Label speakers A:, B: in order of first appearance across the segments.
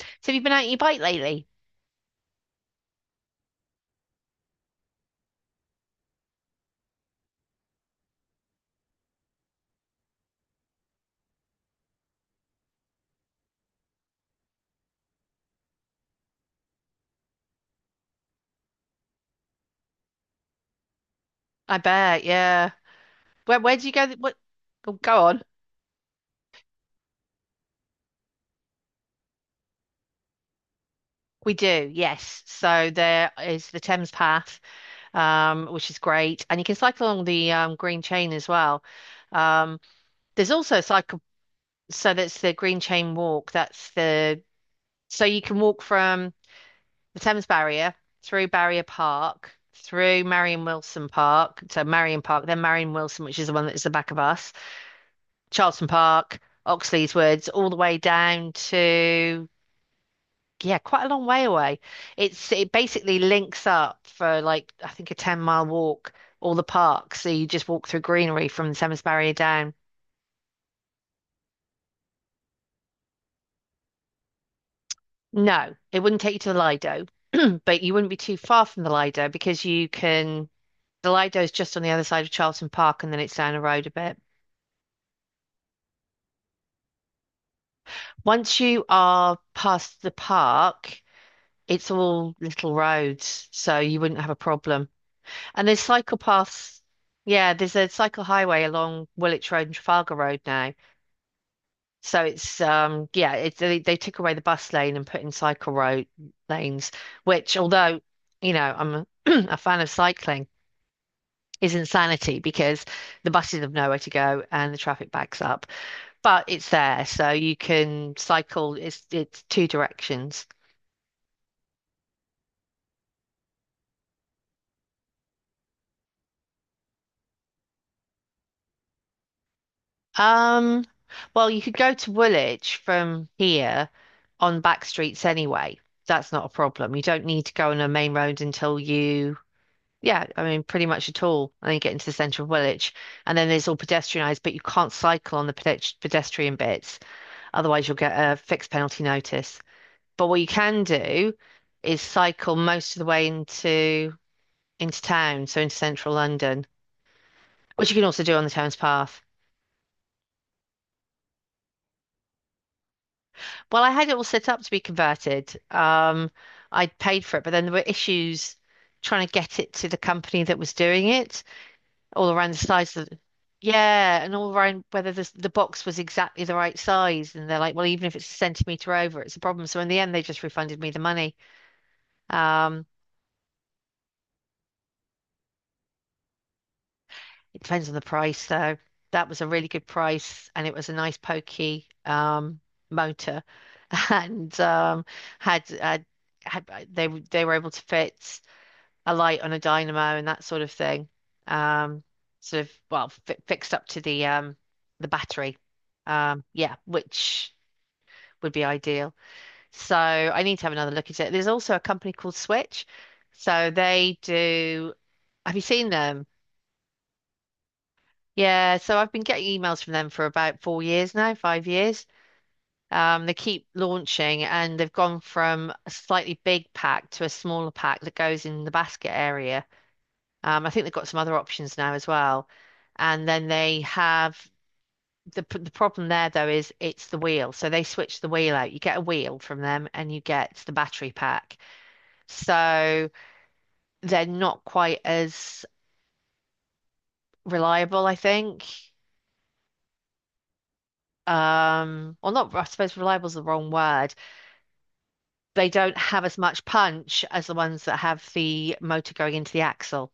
A: So have you been out on your bike lately? I bet, yeah. Where do you go? What? Oh, go on. We do, yes. So there is the Thames Path, which is great, and you can cycle along the Green Chain as well. Um, there's also a cycle, so that's the Green Chain Walk. That's the so you can walk from the Thames Barrier through Barrier Park, through Marion Wilson Park, so Marion Park, then Marion Wilson, which is the one that's the back of us Charlton Park, Oxley's Woods, all the way down to yeah, quite a long way away. It basically links up for like I think a 10-mile walk all the parks. So you just walk through greenery from the Thames Barrier down. No, it wouldn't take you to the Lido, but you wouldn't be too far from the Lido because you can the Lido is just on the other side of Charlton Park and then it's down the road a bit. Once you are past the park, it's all little roads, so you wouldn't have a problem. And there's cycle paths. Yeah, there's a cycle highway along Woolwich Road and Trafalgar Road now. So it's yeah, it's they took away the bus lane and put in cycle road lanes, which although, you know, I'm a, a fan of cycling, is insanity because the buses have nowhere to go and the traffic backs up. But it's there, so you can cycle it's two directions. Um well you could go to Woolwich from here on back streets anyway. That's not a problem. You don't need to go on a main road until you, yeah, I mean, pretty much at all. And then you get into the centre of Woolwich. And then it's all pedestrianised, but you can't cycle on the pedestrian bits. Otherwise, you'll get a fixed penalty notice. But what you can do is cycle most of the way into town, so into central London, which you can also do on the Thames Path. Well, I had it all set up to be converted. I'd paid for it, but then there were issues trying to get it to the company that was doing it, all around the size of, yeah, and all around whether the box was exactly the right size. And they're like, well, even if it's a centimeter over, it's a problem. So in the end, they just refunded me the money. Um, it depends on the price, though. That was a really good price, and it was a nice pokey motor, and had, had had they were able to fit. A light on a dynamo and that sort of thing. Um, sort of well fi fixed up to the battery. Yeah, which would be ideal. So I need to have another look at it. There's also a company called Switch. So they do. Have you seen them? Yeah. So I've been getting emails from them for about 4 years now, 5 years. They keep launching and they've gone from a slightly big pack to a smaller pack that goes in the basket area. I think they've got some other options now as well. And then they have the problem there though is it's the wheel. So they switch the wheel out. You get a wheel from them and you get the battery pack. So they're not quite as reliable, I think. Or not, I suppose reliable is the wrong word. They don't have as much punch as the ones that have the motor going into the axle.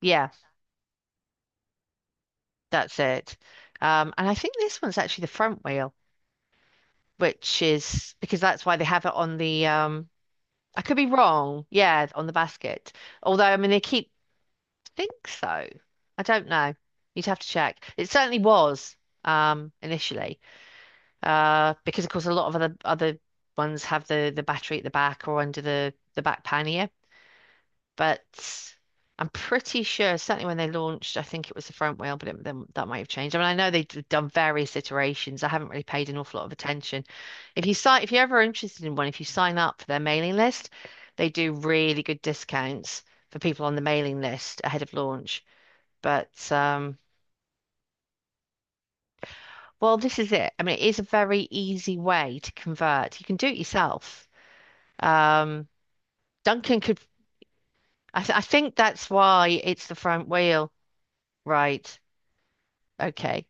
A: Yeah, that's it. And I think this one's actually the front wheel. Which is because that's why they have it on the I could be wrong, yeah, on the basket. Although I mean they keep I think so. I don't know. You'd have to check. It certainly was initially. Because of course a lot of other ones have the battery at the back or under the back pannier but I'm pretty sure, certainly when they launched, I think it was the front wheel, but it, then that might have changed. I mean, I know they've done various iterations. I haven't really paid an awful lot of attention. If you're ever interested in one, if you sign up for their mailing list, they do really good discounts for people on the mailing list ahead of launch. But Well, this is it. I mean, it is a very easy way to convert. You can do it yourself. Um, Duncan could. I think that's why it's the front wheel, right? Okay.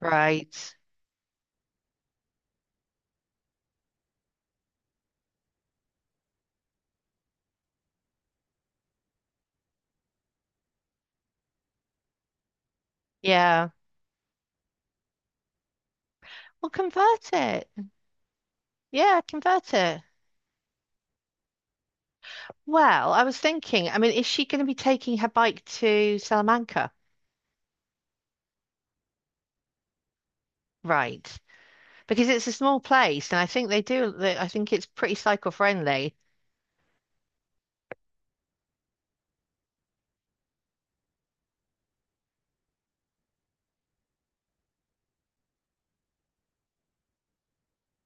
A: Right. Yeah. Well, convert it. Yeah, convert it. Well, I was thinking, I mean, is she going to be taking her bike to Salamanca? Right. Because it's a small place and I think I think it's pretty cycle-friendly.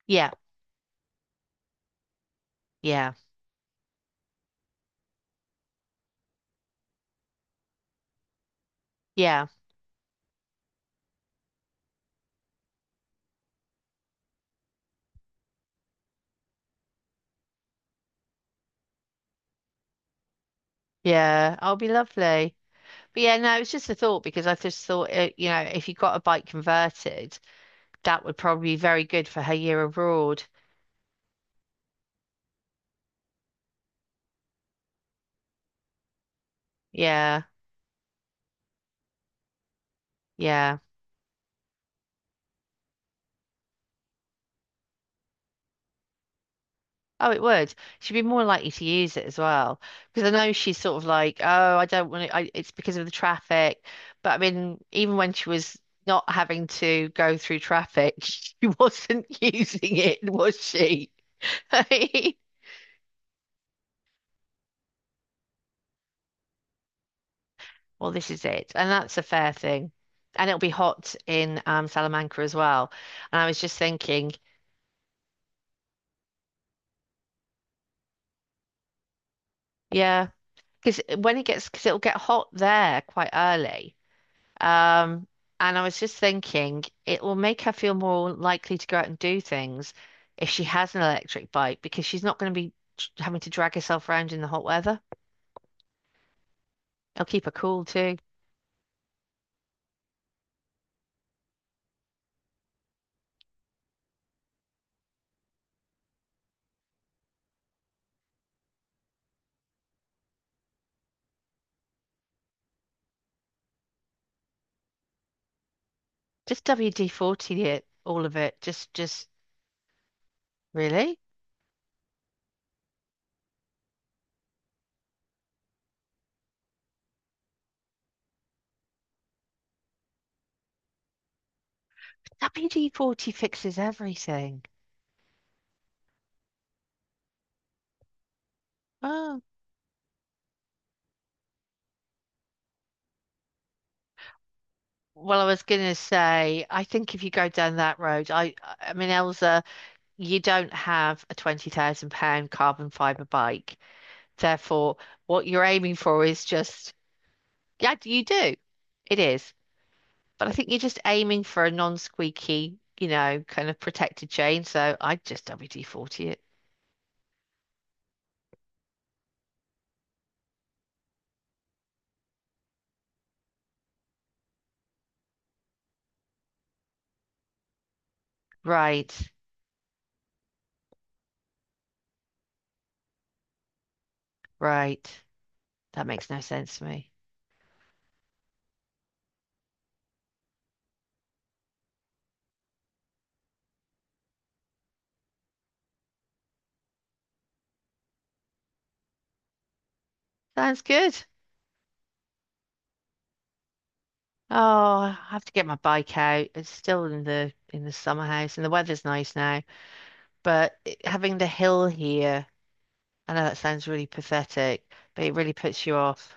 A: Yeah. Yeah. Yeah. Yeah. I'll be lovely. But yeah, no, it's just a thought because I just thought, you know, if you got a bike converted, that would probably be very good for her year abroad. Yeah. Yeah. Oh, it would. She'd be more likely to use it as well because I know she's sort of like, oh, I don't want to. I, it's because of the traffic. But I mean, even when she was not having to go through traffic, she wasn't using it, was she? Well, this is it, and that's a fair thing. And it'll be hot in Salamanca as well. And I was just thinking, yeah, because when it gets, because it'll get hot there quite early. Um, and I was just thinking, it will make her feel more likely to go out and do things if she has an electric bike because she's not going to be having to drag herself around in the hot weather. It'll keep her cool too. Just WD-40 it, all of it. Just really? WD-40 fixes everything. Oh. Well, I was gonna say, I think if you go down that road, I mean, Elsa, you don't have a £20,000 carbon fiber bike. Therefore, what you're aiming for is just, yeah, you do. It is. But I think you're just aiming for a non-squeaky, you know, kind of protected chain. So I just WD-40 it. Right, right. That makes no sense to me. Sounds good. Oh, I have to get my bike out. It's still in the summer house and the weather's nice now. But having the hill here, I know that sounds really pathetic, but it really puts you off.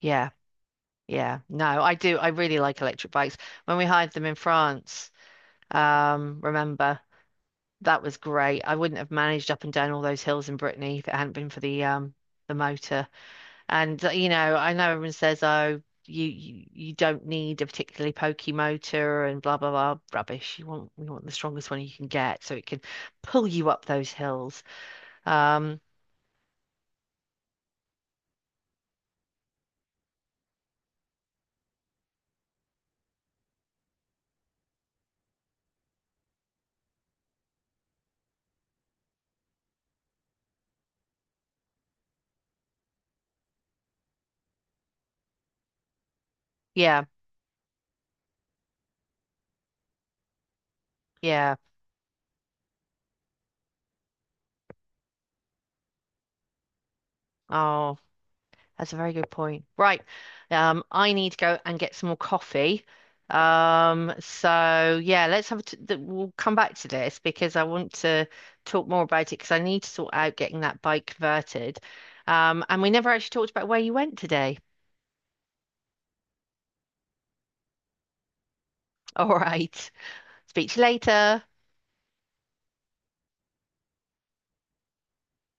A: Yeah. Yeah, no, I do. I really like electric bikes. When we hired them in France, remember that was great. I wouldn't have managed up and down all those hills in Brittany if it hadn't been for the motor. And you know, I know everyone says, oh, you don't need a particularly pokey motor and blah blah blah rubbish. You want we want the strongest one you can get so it can pull you up those hills. Um, yeah, yeah. Oh. That's a very good point. Right. I need to go and get some more coffee. So yeah, let's have a t th we'll come back to this because I want to talk more about it because I need to sort out getting that bike converted. And we never actually talked about where you went today. All right. Speak to you later.